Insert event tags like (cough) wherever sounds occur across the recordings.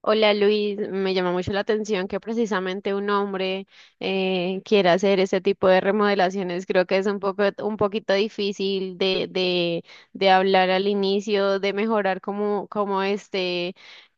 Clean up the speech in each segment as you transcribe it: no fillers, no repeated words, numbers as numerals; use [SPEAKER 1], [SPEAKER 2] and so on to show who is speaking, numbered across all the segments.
[SPEAKER 1] Hola Luis, me llama mucho la atención que precisamente un hombre quiera hacer ese tipo de remodelaciones. Creo que es un poco, un poquito difícil de hablar al inicio, de mejorar como, como este,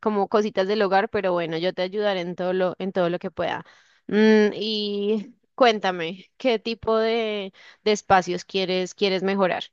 [SPEAKER 1] como cositas del hogar, pero bueno, yo te ayudaré en todo lo que pueda. Y cuéntame, ¿qué tipo de espacios quieres mejorar?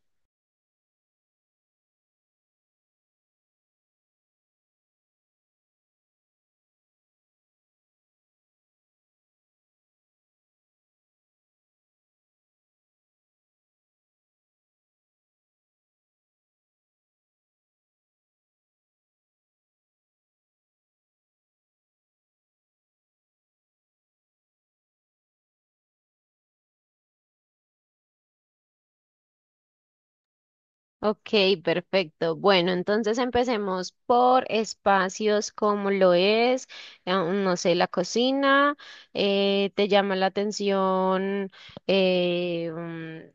[SPEAKER 1] Ok, perfecto. Bueno, entonces empecemos por espacios como lo es, no sé, la cocina, te llama la atención eh, mm,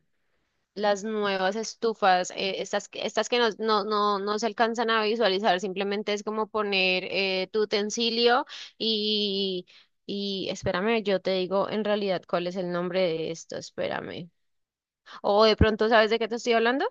[SPEAKER 1] las nuevas estufas, estas, estas que no se alcanzan a visualizar, simplemente es como poner tu utensilio y, y espérame, yo te digo en realidad cuál es el nombre de esto, espérame. O de pronto, ¿sabes de qué te estoy hablando?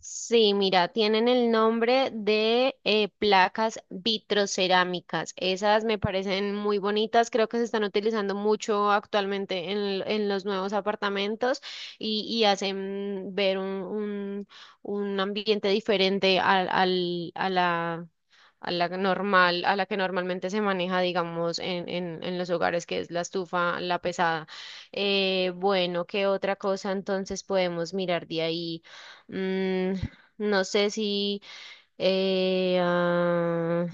[SPEAKER 1] Sí, mira, tienen el nombre de placas vitrocerámicas. Esas me parecen muy bonitas, creo que se están utilizando mucho actualmente en, en los nuevos apartamentos y hacen ver un, un ambiente diferente al, a la normal, a la que normalmente se maneja, digamos, en los hogares, que es la estufa, la pesada. Bueno, ¿qué otra cosa entonces podemos mirar de ahí? Mm, no sé si eh, ah,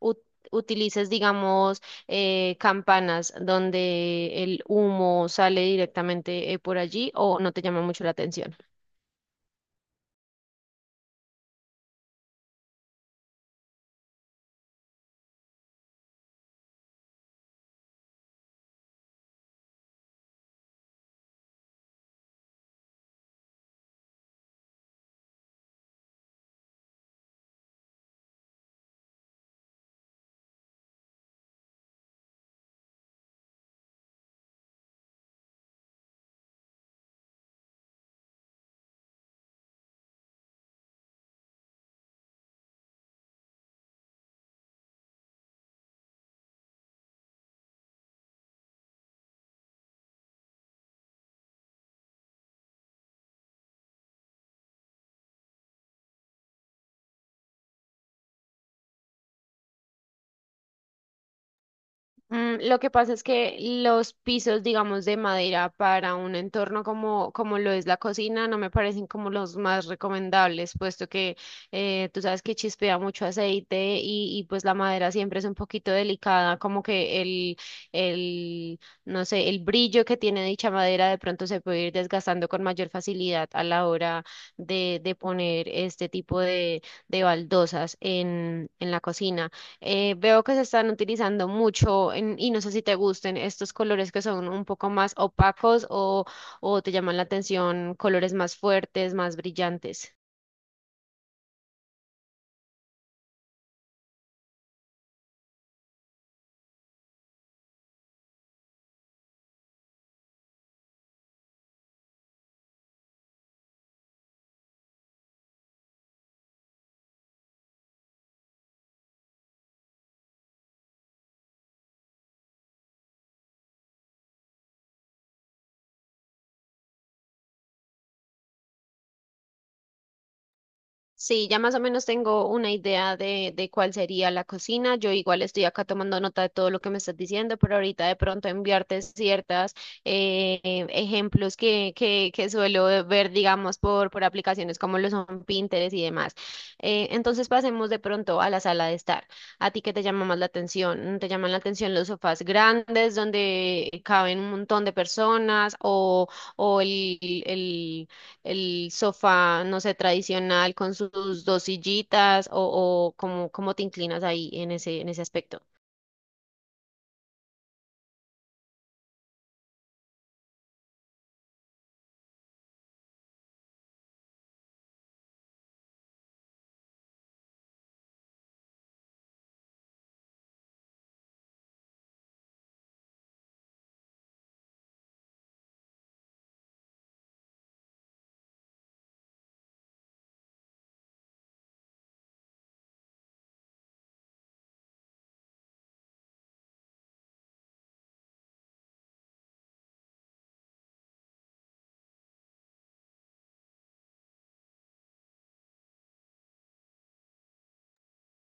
[SPEAKER 1] ut- utilices, digamos, campanas donde el humo sale directamente por allí o no te llama mucho la atención. Mm. Lo que pasa es que los pisos, digamos, de madera para un entorno como, como lo es la cocina, no me parecen como los más recomendables, puesto que tú sabes que chispea mucho aceite y pues la madera siempre es un poquito delicada, como que el, no sé, el brillo que tiene dicha madera de pronto se puede ir desgastando con mayor facilidad a la hora de poner este tipo de baldosas en la cocina. Veo que se están utilizando mucho y no sé si te gusten estos colores que son un poco más opacos o te llaman la atención colores más fuertes, más brillantes. Sí, ya más o menos tengo una idea de cuál sería la cocina. Yo igual estoy acá tomando nota de todo lo que me estás diciendo, pero ahorita de pronto enviarte ciertas eh, ejemplos que suelo ver, digamos, por aplicaciones como lo son Pinterest y demás. Entonces pasemos de pronto a la sala de estar. ¿A ti qué te llama más la atención? ¿Te llaman la atención los sofás grandes donde caben un montón de personas o el, el- el sofá, no sé, tradicional con sus dos sillitas o cómo, cómo te inclinas ahí en ese aspecto.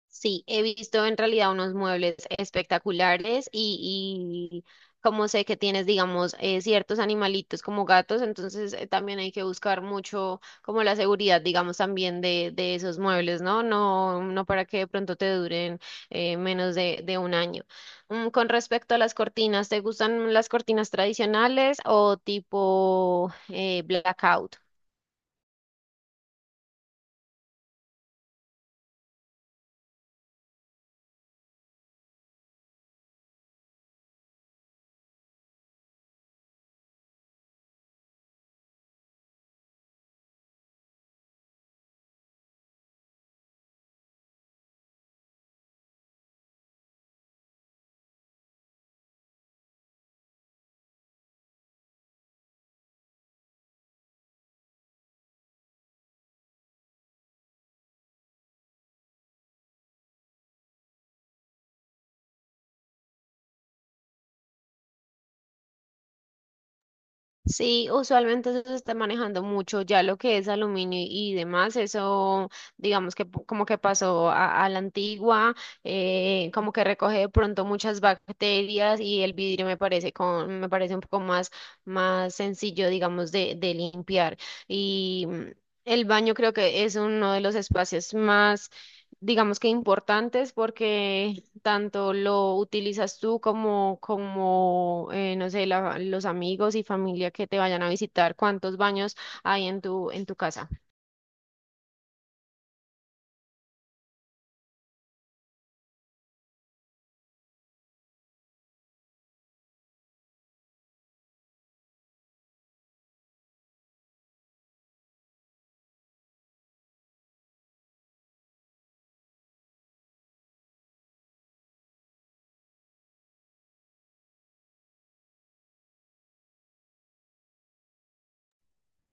[SPEAKER 1] Sí, he visto en realidad unos muebles espectaculares y como sé que tienes, digamos, ciertos animalitos como gatos, entonces también hay que buscar mucho como la seguridad, digamos, también de esos muebles, ¿no? No, no para que de pronto te duren menos de un año. Con respecto a las cortinas, ¿te gustan las cortinas tradicionales o tipo blackout? Sí, usualmente eso se está manejando mucho, ya lo que es aluminio y demás, eso digamos que como que pasó a la antigua, como que recoge de pronto muchas bacterias y el vidrio me parece con, me parece un poco más, más sencillo, digamos, de limpiar. Y el baño creo que es uno de los espacios más, digamos que importantes porque tanto lo utilizas tú como, como no sé, los amigos y familia que te vayan a visitar, cuántos baños hay en tu casa.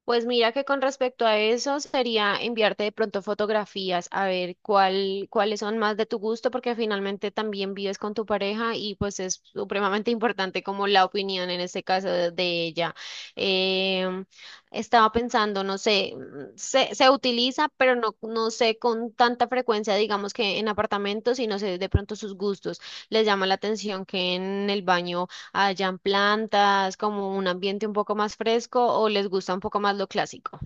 [SPEAKER 1] Pues mira que con respecto a eso sería enviarte de pronto fotografías a ver cuál, cuáles son más de tu gusto, porque finalmente también vives con tu pareja y pues es supremamente (laughs) importante como la opinión en este caso de ella. Em, Estaba pensando, no sé, se, se utiliza, pero no, no sé con tanta frecuencia, digamos que en apartamentos y no sé de pronto sus gustos. ¿Les llama la atención que en el baño hayan plantas, como un ambiente un poco más fresco o les gusta un poco más lo clásico?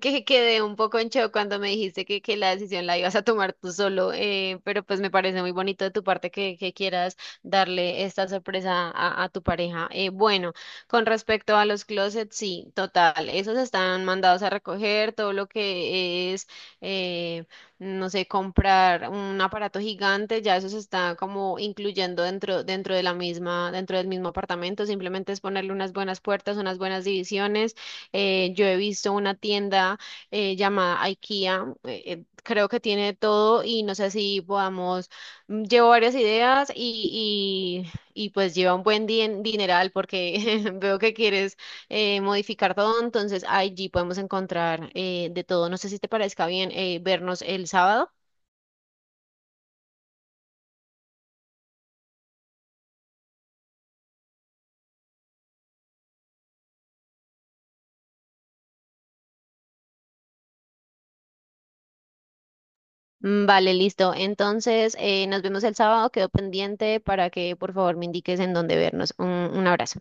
[SPEAKER 1] Que quedé un poco en shock cuando me dijiste que la decisión la ibas a tomar tú solo, pero pues me parece muy bonito de tu parte que quieras darle esta sorpresa a tu pareja. Bueno, con respecto a los closets, sí, total, esos están mandados a recoger, todo lo que es, eh, no sé, comprar un aparato gigante, ya eso se está como incluyendo dentro de la misma, dentro del mismo apartamento, simplemente es ponerle unas buenas puertas, unas buenas divisiones yo he visto una tienda llamada IKEA, creo que tiene de todo y no sé si podamos, llevo varias ideas y pues lleva un buen dineral porque (laughs) veo que quieres modificar todo, entonces allí podemos encontrar de todo. No sé si te parezca bien vernos el sábado. Vale, listo. Entonces, nos vemos el sábado. Quedo pendiente para que por favor me indiques en dónde vernos. Un abrazo.